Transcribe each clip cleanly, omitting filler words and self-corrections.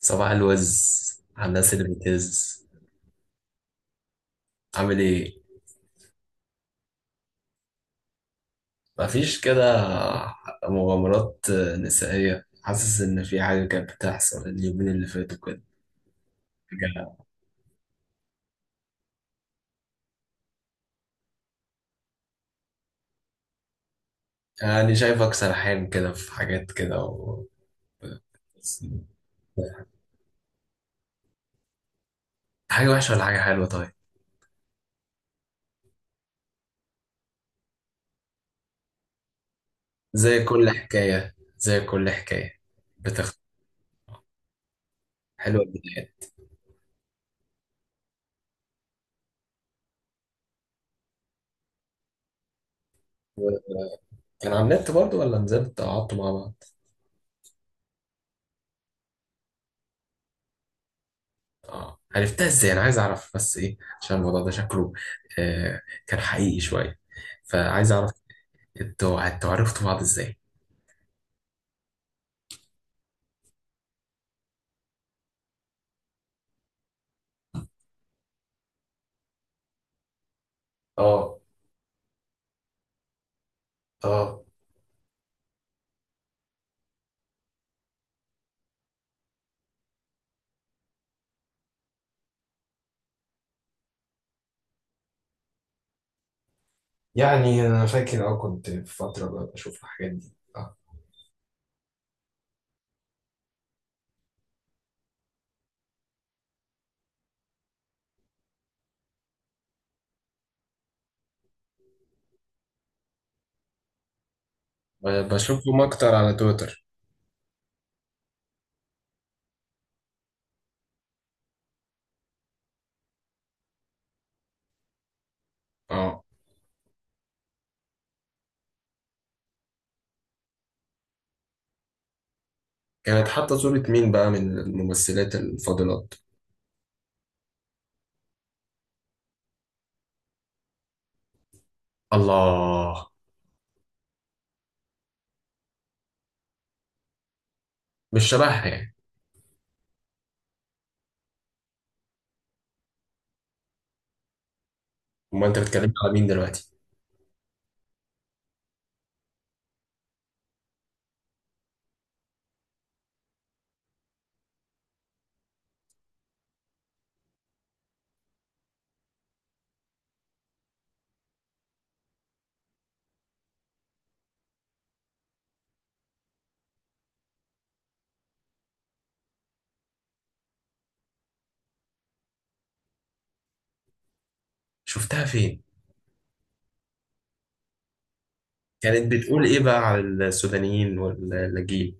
صباح الوز على الناس اللي بتهز. عامل ايه؟ مفيش كده مغامرات نسائية؟ حاسس ان في حاجة كانت بتحصل اليومين اللي فاتوا كده. حاجة- يعني شايفك سرحان كده في حاجات كده حاجة وحشة ولا حاجة حلوة؟ طيب. زي كل حكاية، زي كل حكاية بتخ، حلوة البداية. كان على النت برضه ولا نزلت قعدتوا مع بعض؟ اه، عرفتها ازاي؟ انا عايز اعرف بس ايه، عشان الموضوع ده شكله آه كان حقيقي شوية، فعايز اعرف انتوا عرفتوا بعض ازاي؟ اه اه. يعني انا فاكر، اه، كنت في فترة بقى بشوف الحاجات دي. اه، ب- بشوفهم اكتر على تويتر. اه. كانت حاطة صورة مين بقى من الممثلات الفاضلات؟ الله. مش شبهها يعني؟ امال انت بتتكلم على مين دلوقتي؟ شفتها فين؟ كانت بتقول ايه بقى على السودانيين واللاجئين؟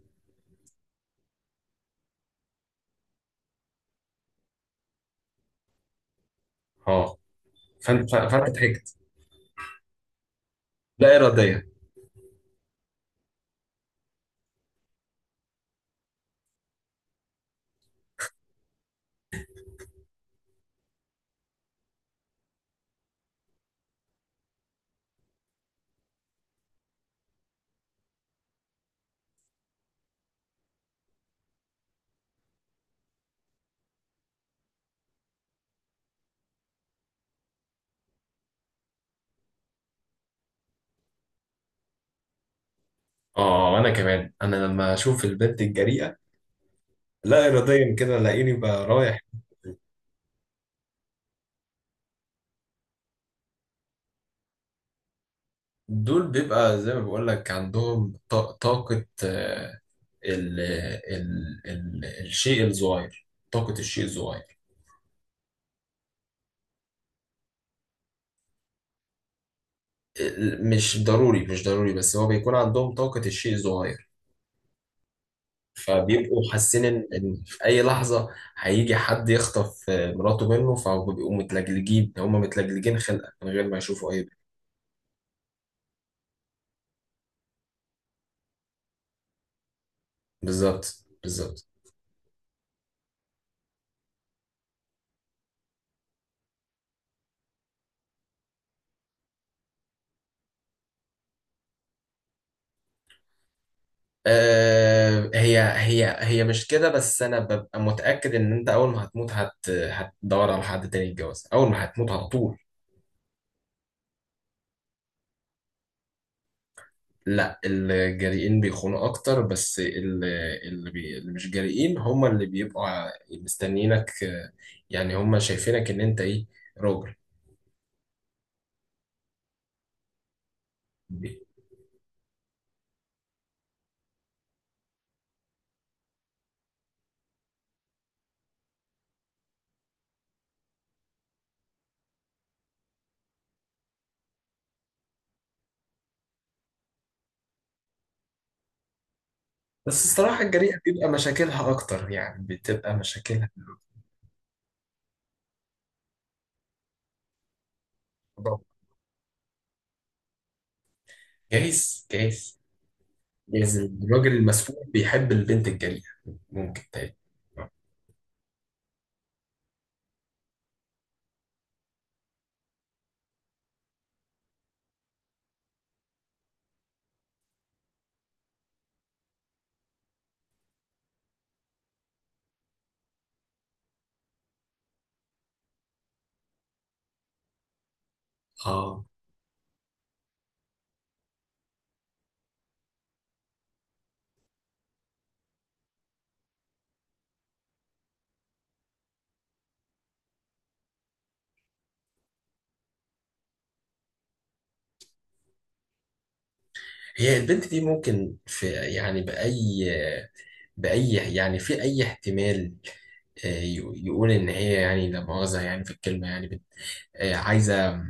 اه. فانت ضحكت لا إراديا. اه، انا كمان انا لما اشوف البنت الجريئه لا إراديا كده لاقيني بقى رايح. دول بيبقى زي ما بقول لك عندهم طاقه، آه، ال الشيء الصغير، طاقه الشيء الصغير. مش ضروري، مش ضروري، بس هو بيكون عندهم طاقه الشيء الصغير. فبيبقوا حاسين ان إن في اي لحظه هيجي حد يخطف، آه، مراته منه، فبيبقوا متلجلجين، هم متلجلجين خلقه من غير ما يشوفوا اي. بالظبط بالظبط. آه، هي مش كده، بس انا ببقى متاكد ان انت اول ما هتموت هتدور على حد تاني يتجوز اول ما هتموت على طول. لا، الجريئين بيخونوا اكتر، بس اللي مش جريئين هم اللي بيبقوا مستنيينك، آه، يعني هم شايفينك ان انت ايه، راجل. بس الصراحه الجريئه بيبقى مشاكلها اكتر، يعني بتبقى مشاكلها أكبر. جايز جايز. جايز الراجل المسؤول بيحب البنت الجريئه. ممكن تاني؟ اه. هي البنت دي ممكن في يعني بأي يعني في أي احتمال، آه، يقول إن هي يعني، لا مؤاخذة، يعني في الكلمة يعني آه، عايزة،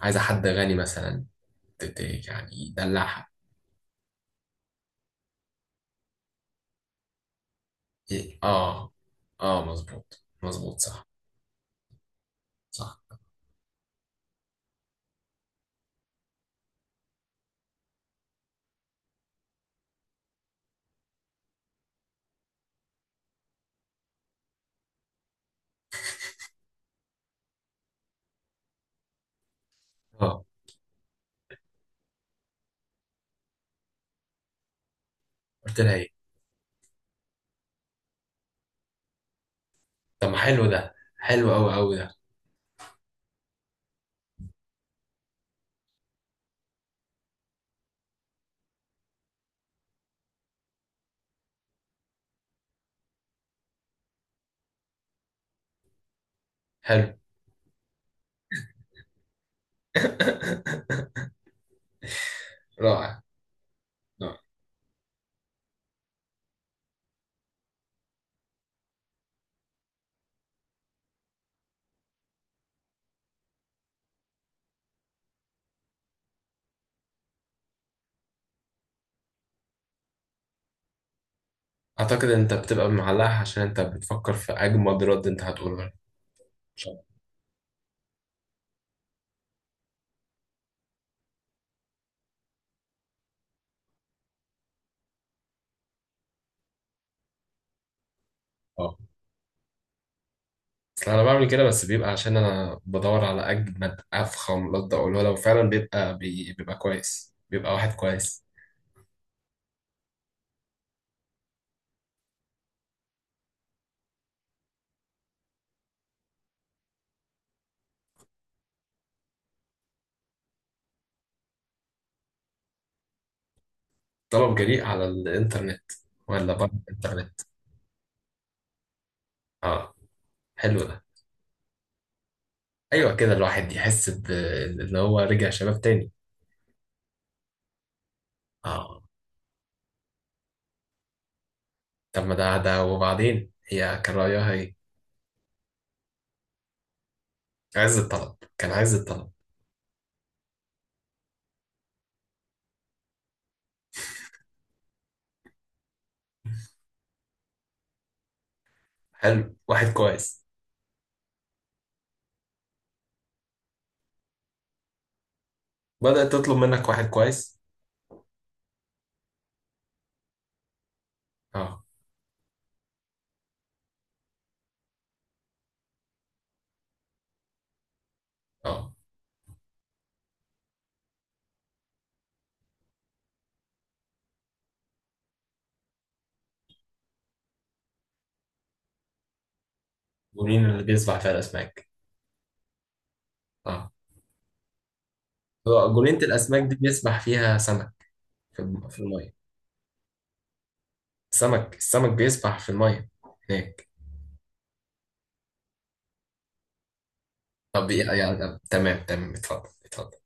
عايزة حد غني مثلا يعني يدلعها؟ إيه، آه. آه، مظبوط مظبوط، صح صح. آه، قلت لها إيه؟ طب ما حلو ده، حلو أوي أوي ده. حلو. رائع. رائع. أعتقد إن أنت بتبقى معلقها عشان أنت بتفكر في أجمد رد أنت هتقوله. إن شاء الله. آه. اصل انا بعمل كده، بس بيبقى عشان انا بدور على اجمد افخم رد اقوله، لو فعلا بيبقى بيبقى كويس، بيبقى واحد كويس. طلب جريء على الانترنت ولا بره الانترنت؟ اه. حلو ده. ايوه كده الواحد يحس ان هو رجع شباب تاني. اه. طب ما ده ده، وبعدين هي كان رايها ايه؟ عز الطلب، كان عز الطلب. حلو، واحد كويس. بدأت تطلب منك واحد كويس؟ اه اه. جونين اللي بيسبح فيها الاسماك؟ اه. جنينة الاسماك دي بيسبح فيها سمك في في المية؟ السمك بيسبح في المية هناك. طب يعني تمام تمام، اتفضل اتفضل.